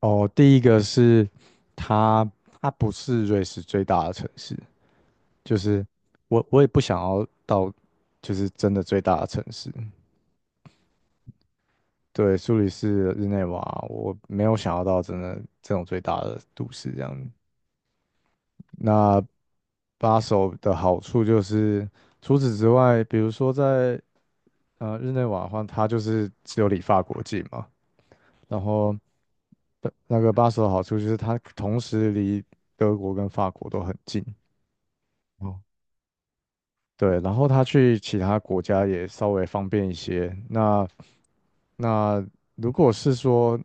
哦，第一个是它，它不是瑞士最大的城市，就是我也不想要到，就是真的最大的城市。对，苏黎世、日内瓦，我没有想要到真的这种最大的都市这样。那巴首的好处就是，除此之外，比如说在日内瓦的话，它就是只有离法国近嘛，然后那个巴首的好处就是它同时离德国跟法国都很近。哦。对，然后他去其他国家也稍微方便一些。那如果是说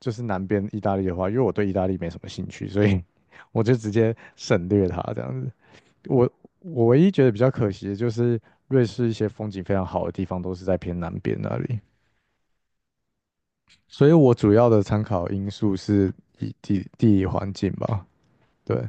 就是南边意大利的话，因为我对意大利没什么兴趣，所以 我就直接省略它这样子。我我唯一觉得比较可惜的就是瑞士一些风景非常好的地方都是在偏南边那里，所以我主要的参考因素是以地理环境吧。对，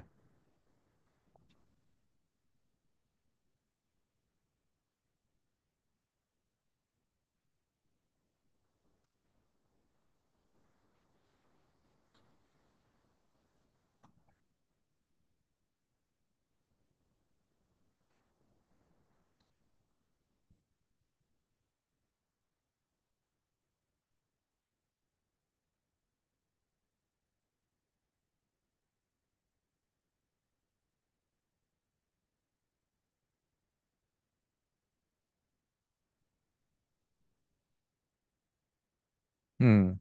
嗯，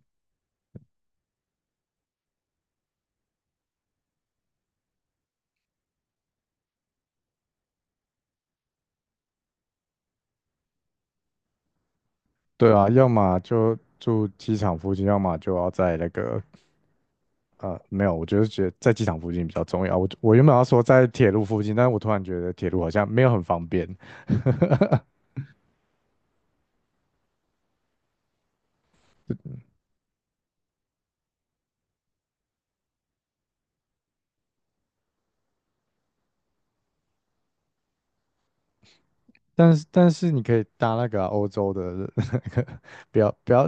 对啊，要么就住机场附近，要么就要在那个。呃，没有，我就是觉得在机场附近比较重要。我原本要说在铁路附近，但是我突然觉得铁路好像没有很方便。但是你可以搭那个啊欧洲的 那个，不要，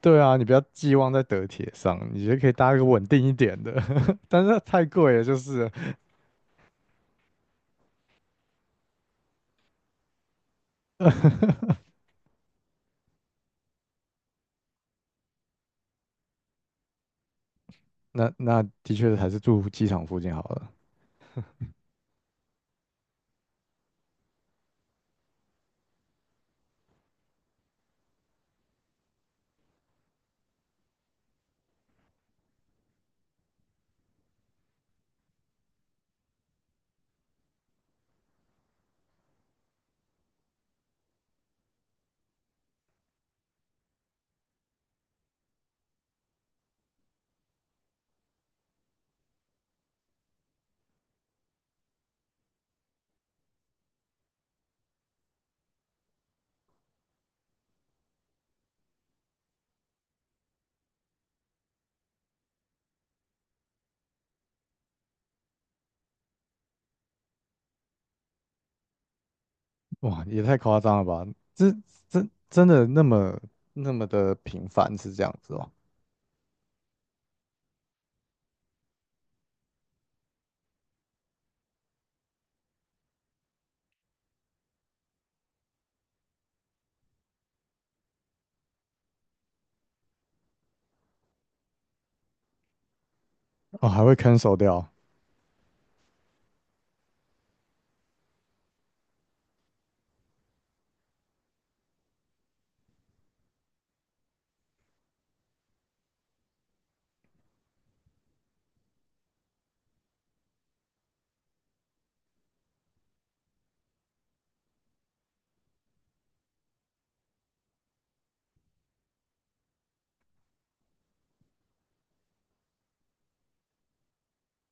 对啊，你不要寄望在德铁上，你就可以搭一个稳定一点的，但是太贵了，就是了 那那的确还是住机场附近好了。哇，也太夸张了吧？这真的那么那么的频繁是这样子哦？哦，还会 cancel 掉，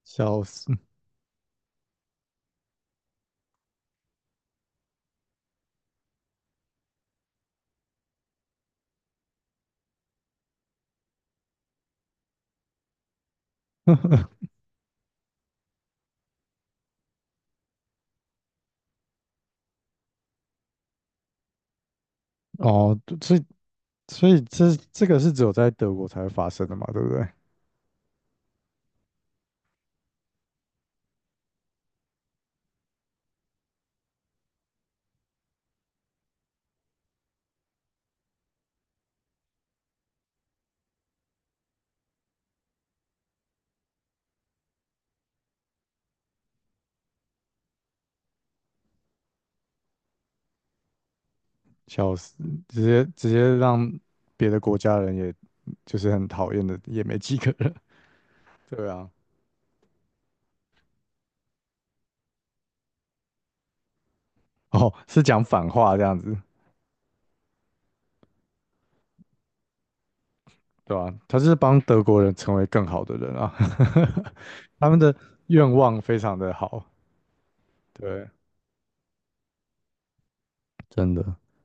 笑死。哦，所以所以这个是只有在德国才会发生的嘛，对不对？笑死，直接让别的国家人也就是很讨厌的，也没几个人。对啊，哦，是讲反话这样子，对吧、他就是帮德国人成为更好的人啊，他们的愿望非常的好，对，真的。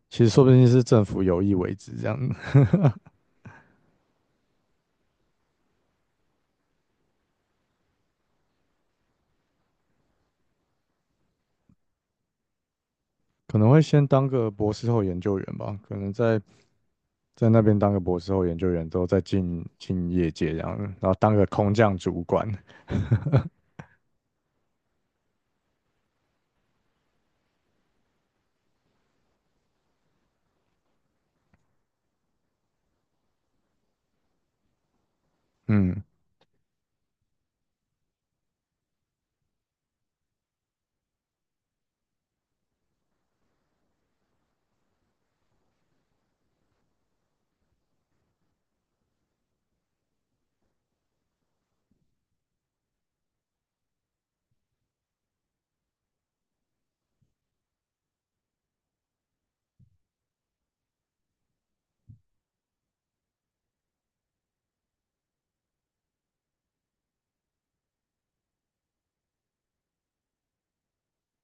其实说不定是政府有意为之这样子，可能会先当个博士后研究员吧，可能在那边当个博士后研究员之后，再进业界这样，然后当个空降主管。嗯，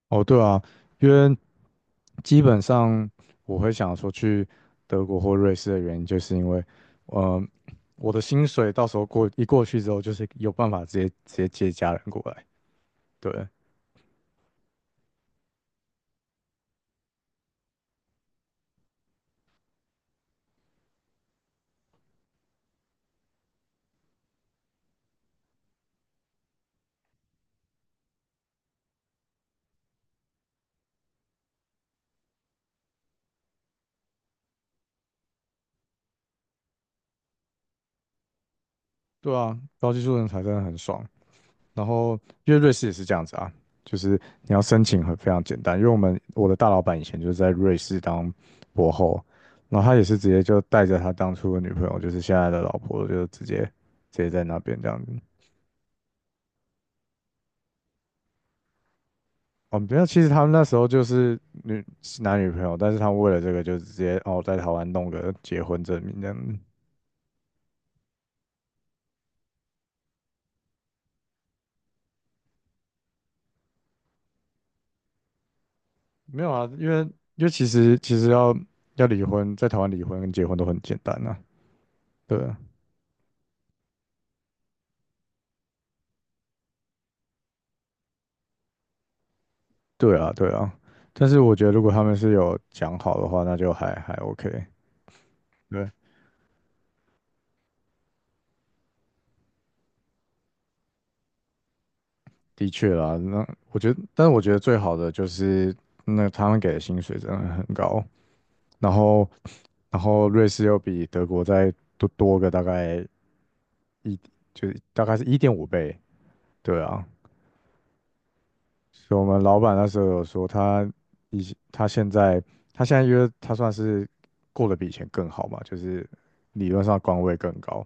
哦，对啊，因为基本上我会想说去德国或瑞士的原因，就是因为，呃，我的薪水到时候过去之后，就是有办法直接接家人过来。对，对啊，高技术人才真的很爽。然后因为瑞士也是这样子啊，就是你要申请很非常简单，因为我的大老板以前就是在瑞士当博后，然后他也是直接就带着他当初的女朋友，就是现在的老婆，就直接在那边这样子。哦，没有，其实他们那时候就是女男女朋友，但是他们为了这个就直接哦在台湾弄个结婚证明这样子。没有啊，因为因为其实要离婚，在台湾离婚跟结婚都很简单啊，对啊对啊，对啊，但是我觉得如果他们是有讲好的话，那就还 OK。对，的确啦，那我觉得，但是我觉得最好的就是那他们给的薪水真的很高，然后然后瑞士又比德国再多个大概就是大概是一点五倍，对啊，所以我们老板那时候有说他以前他现在他现在因为他算是过得比以前更好嘛，就是理论上官位更高，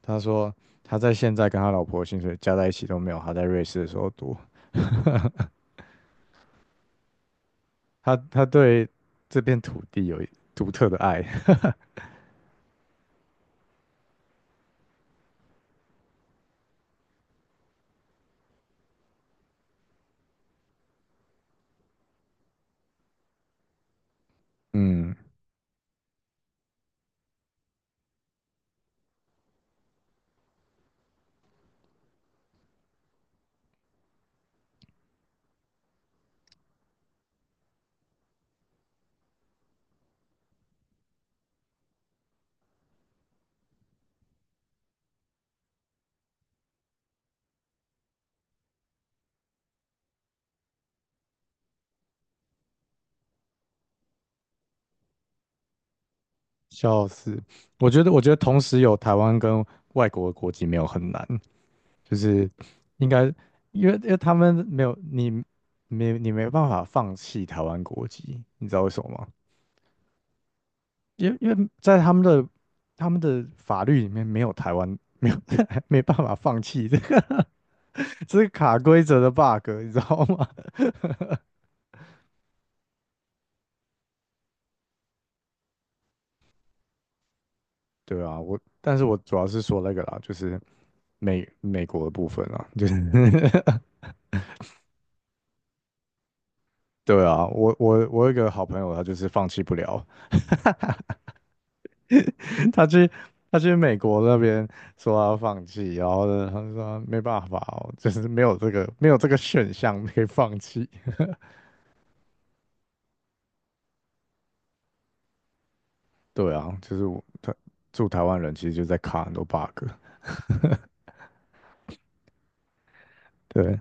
他说他在现在跟他老婆薪水加在一起都没有他在瑞士的时候多。他对这片土地有独特的爱，嗯，笑死。我觉得同时有台湾跟外国的国籍没有很难，就是应该因为他们没有没办法放弃台湾国籍，你知道为什么吗？因为在他们的法律里面没有台湾没有 没办法放弃这个这是卡规则的 bug,你知道吗？对啊，我，但是我主要是说那个啦，就是美国的部分啊，就是 对啊，我我有一个好朋友，他就是放弃不了，他去他去美国那边说他要放弃，然后呢，他就说没办法哦，就是没有这个选项可以放弃。对啊，就是住台湾人其实就在卡很多 bug。对，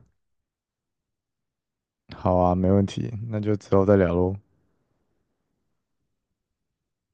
好啊，没问题，那就之后再聊喽。